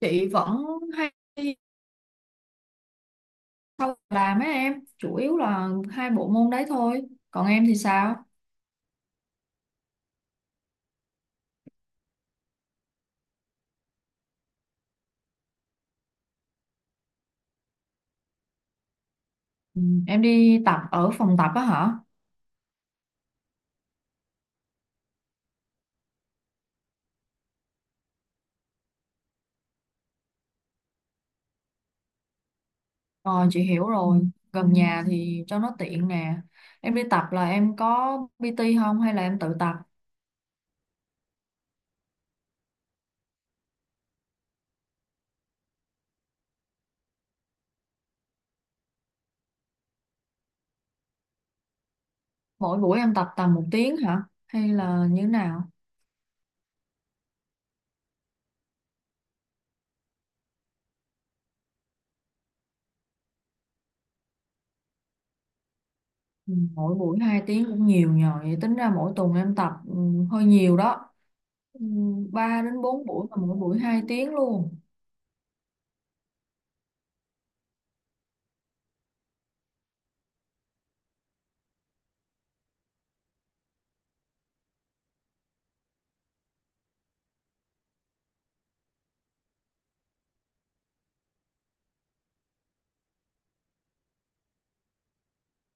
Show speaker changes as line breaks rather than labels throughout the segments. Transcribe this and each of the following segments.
Chị vẫn không làm mấy em, chủ yếu là hai bộ môn đấy thôi. Còn em thì sao? ừ, em đi tập ở phòng tập á hả? Ờ chị hiểu rồi, gần nhà thì cho nó tiện nè. Em đi tập là em có PT không hay là em tự tập? Mỗi buổi em tập tầm một tiếng hả hay là như thế nào? Ừ, Mỗi buổi hai tiếng cũng nhiều nhờ, vậy tính ra mỗi tuần em tập hơi nhiều đó. ừ, Ba đến bốn buổi mà mỗi buổi hai tiếng luôn.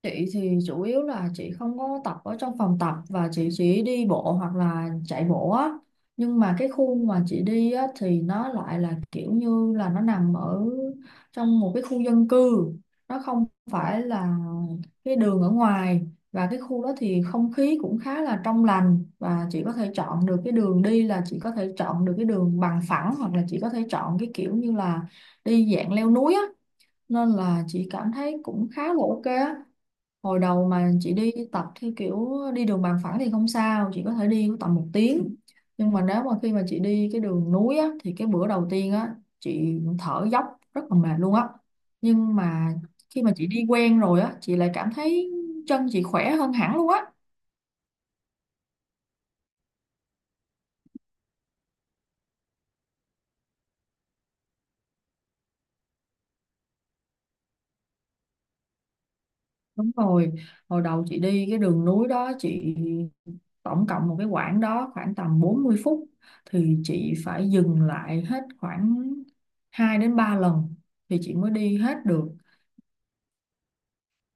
Chị thì chủ yếu là chị không có tập ở trong phòng tập và chị chỉ đi bộ hoặc là chạy bộ á. Nhưng mà cái khu mà chị đi á thì nó lại là kiểu như là nó nằm ở trong một cái khu dân cư. Nó không phải là cái đường ở ngoài, và cái khu đó thì không khí cũng khá là trong lành, và chị có thể chọn được cái đường đi, là chị có thể chọn được cái đường bằng phẳng hoặc là chị có thể chọn cái kiểu như là đi dạng leo núi á. Nên là chị cảm thấy cũng khá là ok á. Hồi đầu mà chị đi tập theo kiểu đi đường bằng phẳng thì không sao, chị có thể đi tầm một tiếng, nhưng mà nếu mà khi mà chị đi cái đường núi á, thì cái bữa đầu tiên á chị thở dốc rất là mệt luôn á. Nhưng mà khi mà chị đi quen rồi á chị lại cảm thấy chân chị khỏe hơn hẳn luôn á. Đúng rồi, hồi đầu chị đi cái đường núi đó, chị tổng cộng một cái quãng đó khoảng tầm 40 phút thì chị phải dừng lại hết khoảng 2 đến 3 lần thì chị mới đi hết được.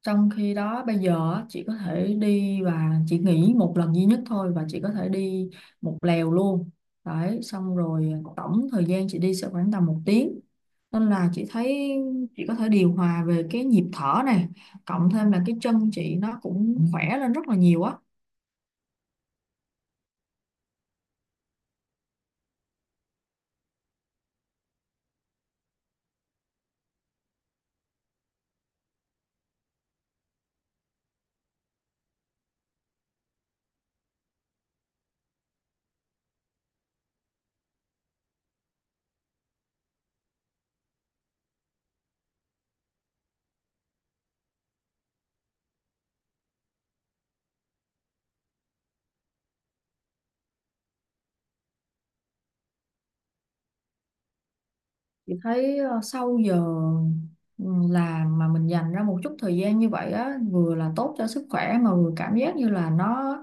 Trong khi đó bây giờ á, chị có thể đi và chị nghỉ một lần duy nhất thôi và chị có thể đi một lèo luôn. Đấy, xong rồi tổng thời gian chị đi sẽ khoảng tầm một tiếng. Nên là chị thấy chị có thể điều hòa về cái nhịp thở này, cộng thêm là cái chân chị nó cũng khỏe lên rất là nhiều á. Chị thấy sau giờ ừ, làm mà mình dành ra một chút thời gian như vậy á, vừa là tốt cho sức khỏe mà vừa cảm giác như là nó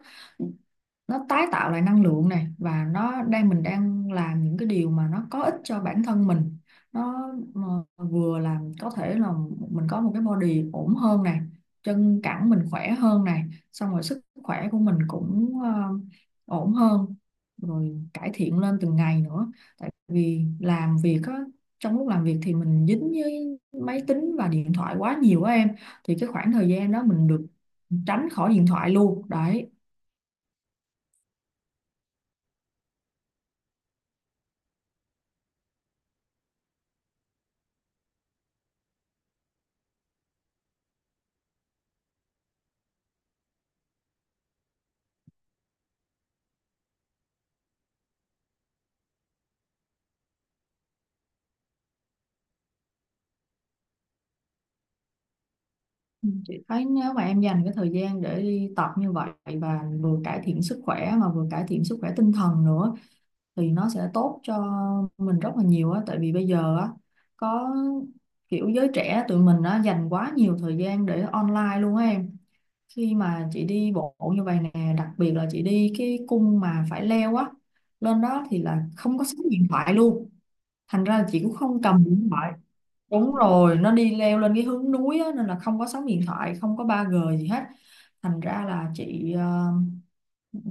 nó tái tạo lại năng lượng này, và nó đang mình đang làm những cái điều mà nó có ích cho bản thân mình, nó mà vừa làm có thể là mình có một cái body ổn hơn này, chân cẳng mình khỏe hơn này, xong rồi sức khỏe của mình cũng ổn hơn rồi, cải thiện lên từng ngày nữa. Tại vì làm việc á, trong lúc làm việc thì mình dính với máy tính và điện thoại quá nhiều á em, thì cái khoảng thời gian đó mình được tránh khỏi điện thoại luôn đấy. Ừ, chị thấy nếu mà em dành cái thời gian để đi tập như vậy và vừa cải thiện sức khỏe mà vừa cải thiện sức khỏe tinh thần nữa thì nó sẽ tốt cho mình rất là nhiều á. Tại vì bây giờ á có kiểu giới trẻ tụi mình á dành quá nhiều thời gian để online luôn á em. Khi mà chị đi bộ như vậy nè, đặc biệt là chị đi cái cung mà phải leo á lên đó thì là không có sóng điện thoại luôn, thành ra là chị cũng không cầm điện thoại. Đúng rồi, nó đi leo lên cái hướng núi á, nên là không có sóng điện thoại, không có 3G gì hết. Thành ra là chị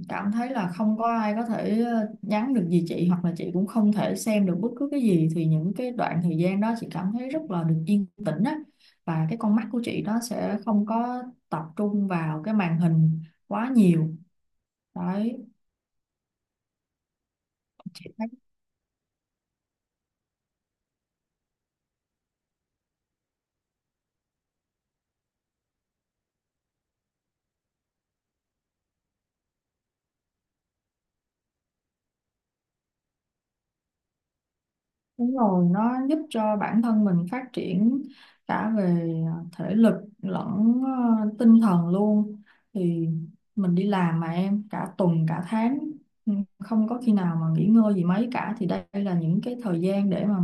cảm thấy là không có ai có thể nhắn được gì chị hoặc là chị cũng không thể xem được bất cứ cái gì, thì những cái đoạn thời gian đó chị cảm thấy rất là được yên tĩnh á, và cái con mắt của chị nó sẽ không có tập trung vào cái màn hình quá nhiều. Đấy, chị. Đúng rồi, nó giúp cho bản thân mình phát triển cả về thể lực lẫn tinh thần luôn. Thì mình đi làm mà em, cả tuần cả tháng ừ, không có khi nào mà nghỉ ngơi gì mấy cả, thì đây là những cái thời gian để mà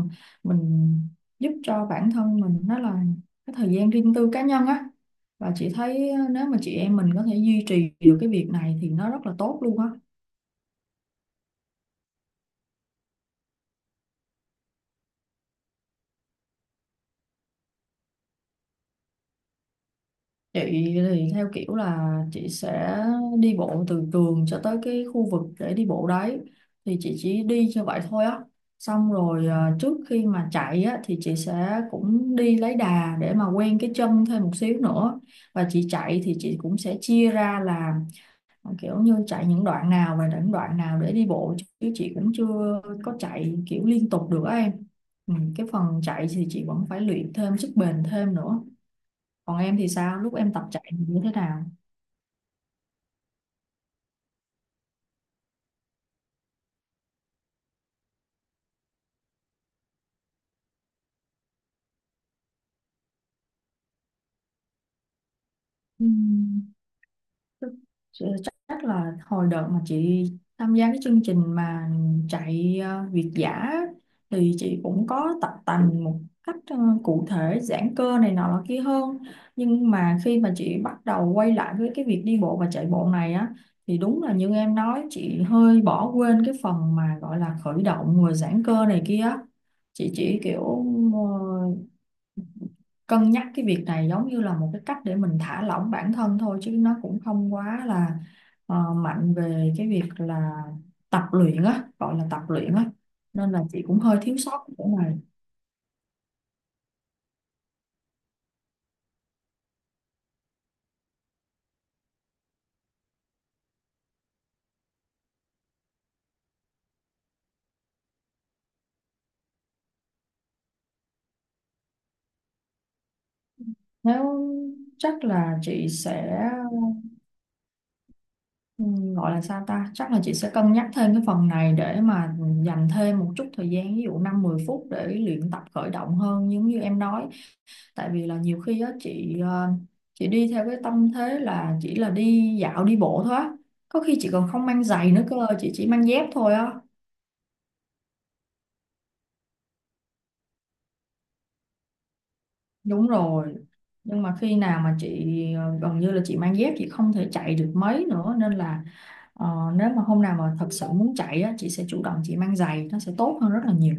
mình giúp cho bản thân mình, đó là cái thời gian riêng tư cá nhân á. Và chị thấy nếu mà chị em mình có thể duy trì được cái việc này thì nó rất là tốt luôn á. Chị thì theo kiểu là chị sẽ đi bộ từ trường cho tới cái khu vực để đi bộ đấy, thì chị chỉ đi cho vậy thôi á. Xong rồi à, trước khi mà chạy á thì chị sẽ cũng đi lấy đà để mà quen cái chân thêm một xíu nữa, và chị chạy thì chị cũng sẽ chia ra là kiểu như chạy những đoạn nào và những đoạn nào để đi bộ, chứ chị cũng chưa có chạy kiểu liên tục được á em. Cái phần chạy thì chị vẫn phải luyện thêm sức bền thêm nữa. Còn em thì sao, lúc em tập chạy thì như thế nào? Ừm, Ch- Chắc là hồi đợt mà chị tham gia cái chương trình mà chạy việt dã thì chị cũng có tập tành một cách cụ thể giãn cơ này nọ là kia hơn, nhưng mà khi mà chị bắt đầu quay lại với cái việc đi bộ và chạy bộ này á thì đúng là như em nói, chị hơi bỏ quên cái phần mà gọi là khởi động rồi giãn cơ này kia á. Chị chỉ kiểu ờ, cân nhắc cái việc này giống như là một cái cách để mình thả lỏng bản thân thôi, chứ nó cũng không quá là mạnh về cái việc là tập luyện á, gọi là tập luyện á. Nên là chị cũng hơi thiếu sót cái chỗ này. Nếu chắc là chị sẽ Ừ, Gọi là sao ta, chắc là chị sẽ cân nhắc thêm cái phần này để mà dành thêm một chút thời gian, ví dụ 5 10 phút để luyện tập khởi động hơn giống như em nói. Tại vì là nhiều khi á chị chị đi theo cái tâm thế là chỉ là đi dạo đi bộ thôi á, có khi chị còn không mang giày nữa cơ, chị chỉ mang dép thôi á. Đúng rồi, nhưng mà khi nào mà chị gần như là chị mang dép chị không thể chạy được mấy nữa, nên là ờ, nếu mà hôm nào mà thật sự muốn chạy á chị sẽ chủ động chị mang giày, nó sẽ tốt hơn rất là nhiều.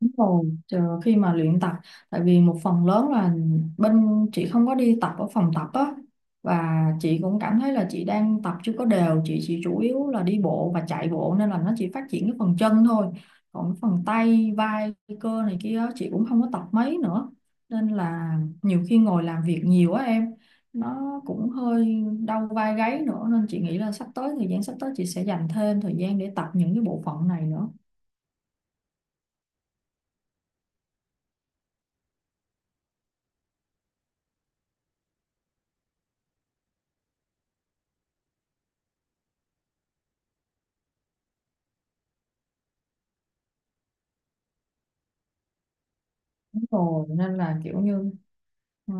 Đúng rồi, chờ khi mà luyện tập, tại vì một phần lớn là bên chị không có đi tập ở phòng tập á, và chị cũng cảm thấy là chị đang tập chưa có đều, chị chỉ chủ yếu là đi bộ và chạy bộ nên là nó chỉ phát triển cái phần chân thôi. Còn cái phần tay vai cơ này kia á, chị cũng không có tập mấy nữa, nên là nhiều khi ngồi làm việc nhiều á em, nó cũng hơi đau vai gáy nữa, nên chị nghĩ là sắp tới thời gian sắp tới chị sẽ dành thêm thời gian để tập những cái bộ phận này nữa. Đúng rồi nên là kiểu như Ờ,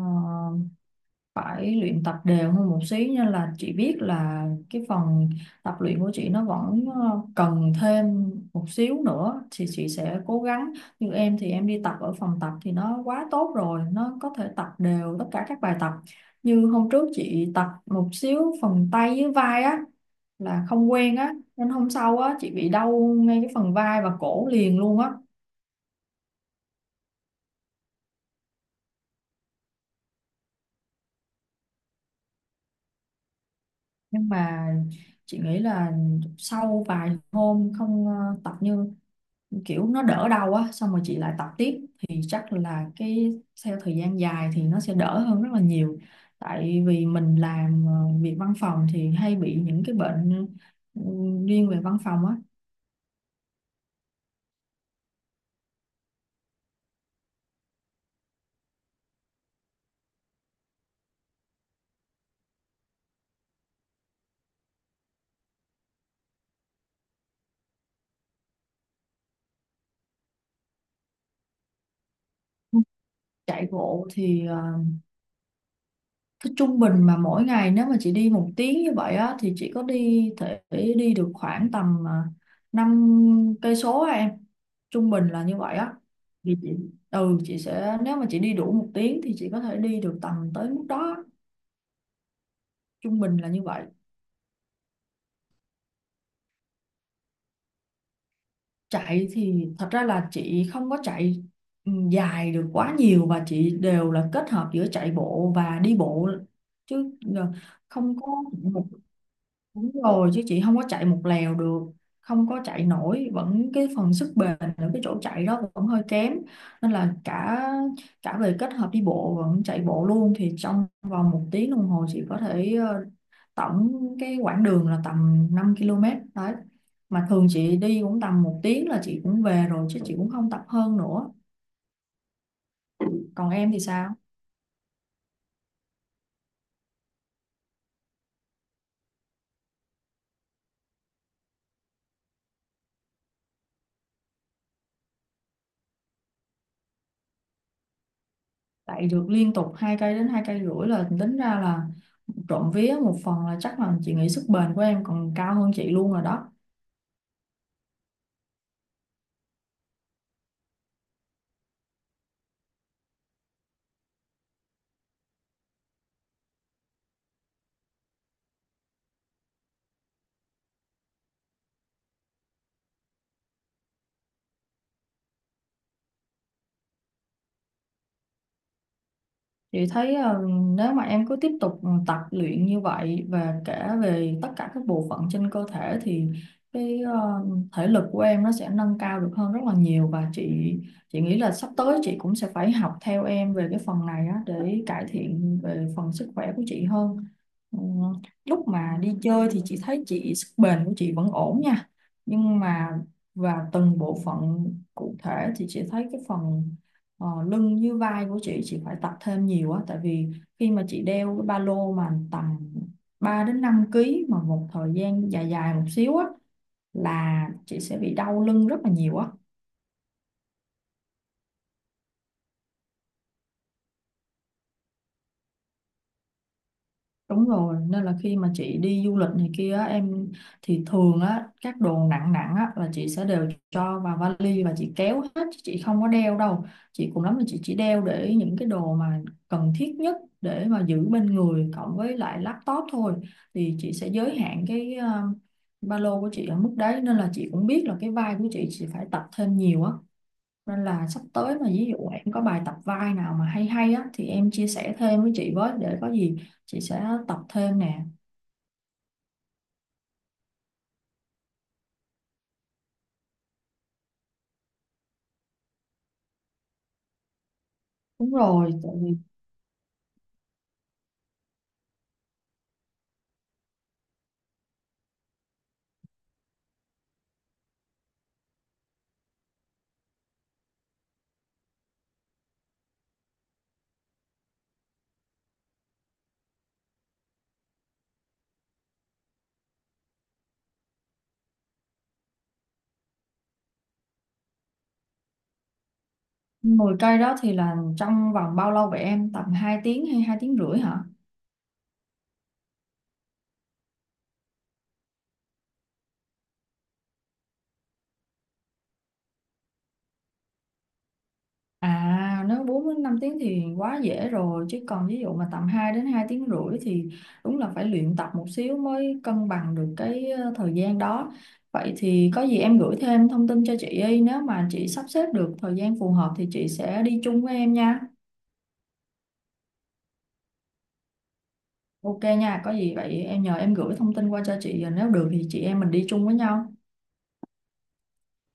phải luyện tập đều hơn một xí, nên là chị biết là cái phần tập luyện của chị nó vẫn cần thêm một xíu nữa thì chị sẽ cố gắng. Như em thì em đi tập ở phòng tập thì nó quá tốt rồi, nó có thể tập đều tất cả các bài tập. Như hôm trước chị tập một xíu phần tay với vai á là không quen á, nên hôm sau á chị bị đau ngay cái phần vai và cổ liền luôn á. Nhưng mà chị nghĩ là sau vài hôm không tập như kiểu nó đỡ đau á, xong rồi chị lại tập tiếp thì chắc là cái theo thời gian dài thì nó sẽ đỡ hơn rất là nhiều. Tại vì mình làm việc văn phòng thì hay bị những cái bệnh ừ, riêng về văn phòng á. Chạy bộ thì cái trung bình mà mỗi ngày nếu mà chị đi một tiếng như vậy á thì chị có đi thể đi được khoảng tầm 5 cây số á em, trung bình là như vậy á. Thì chị chị sẽ, nếu mà chị đi đủ một tiếng thì chị có thể đi được tầm tới mức đó, trung bình là như vậy. Chạy thì thật ra là chị không có chạy dài được quá nhiều và chị đều là kết hợp giữa chạy bộ và đi bộ chứ. ờ, Không có. Đúng rồi, chứ chị không có chạy một lèo được, không có chạy nổi, vẫn cái phần sức bền ở cái chỗ chạy đó vẫn hơi kém nên là cả cả về kết hợp đi bộ vẫn chạy bộ luôn thì trong vòng một tiếng đồng hồ chị có thể tổng cái quãng đường là tầm 5 km đấy. Mà thường chị đi cũng tầm một tiếng là chị cũng về rồi, chứ chị cũng không tập hơn nữa. Còn em thì sao? Chạy được liên tục hai cây đến hai cây rưỡi là tính ra là trộm vía, một phần là chắc là chị nghĩ sức bền của em còn cao hơn chị luôn rồi đó. Chị thấy nếu mà em cứ tiếp tục tập luyện như vậy và cả về tất cả các bộ phận trên cơ thể thì cái thể lực của em nó sẽ nâng cao được hơn rất là nhiều, và chị nghĩ là sắp tới chị cũng sẽ phải học theo em về cái phần này á, để cải thiện về phần sức khỏe của chị hơn. Ừ, lúc mà đi chơi thì chị thấy chị sức bền của chị vẫn ổn nha, nhưng mà và từng bộ phận cụ thể thì chị thấy cái phần ờ, lưng như vai của chị phải tập thêm nhiều á, tại vì khi mà chị đeo cái ba lô mà tầm 3 đến 5 ký mà một thời gian dài dài một xíu á là chị sẽ bị đau lưng rất là nhiều á. Đúng rồi, nên là khi mà chị đi du lịch này kia á, em thì thường á các đồ nặng nặng á là chị sẽ đều cho vào vali và chị kéo hết chứ chị không có đeo đâu. Chị cùng lắm là chị chỉ đeo để những cái đồ mà cần thiết nhất để mà giữ bên người cộng với lại laptop thôi. Thì chị sẽ giới hạn cái ba lô của chị ở mức đấy, nên là chị cũng biết là cái vai của chị phải tập thêm nhiều á. Nên là sắp tới mà ví dụ em có bài tập vai nào mà hay hay á thì em chia sẻ thêm với chị với, để có gì chị sẽ tập thêm nè. Đúng rồi, tại vì 10 cây đó thì là trong vòng bao lâu vậy em? Tầm 2 tiếng hay 2 tiếng rưỡi hả? À nếu 4 đến 5 tiếng thì quá dễ rồi, chứ còn ví dụ mà tầm 2 đến 2 tiếng rưỡi thì đúng là phải luyện tập một xíu mới cân bằng được cái thời gian đó. Vậy thì có gì em gửi thêm thông tin cho chị đi, nếu mà chị sắp xếp được thời gian phù hợp thì chị sẽ đi chung với em nha. Ok nha, có gì vậy em nhờ em gửi thông tin qua cho chị, nếu được thì chị em mình đi chung với nhau.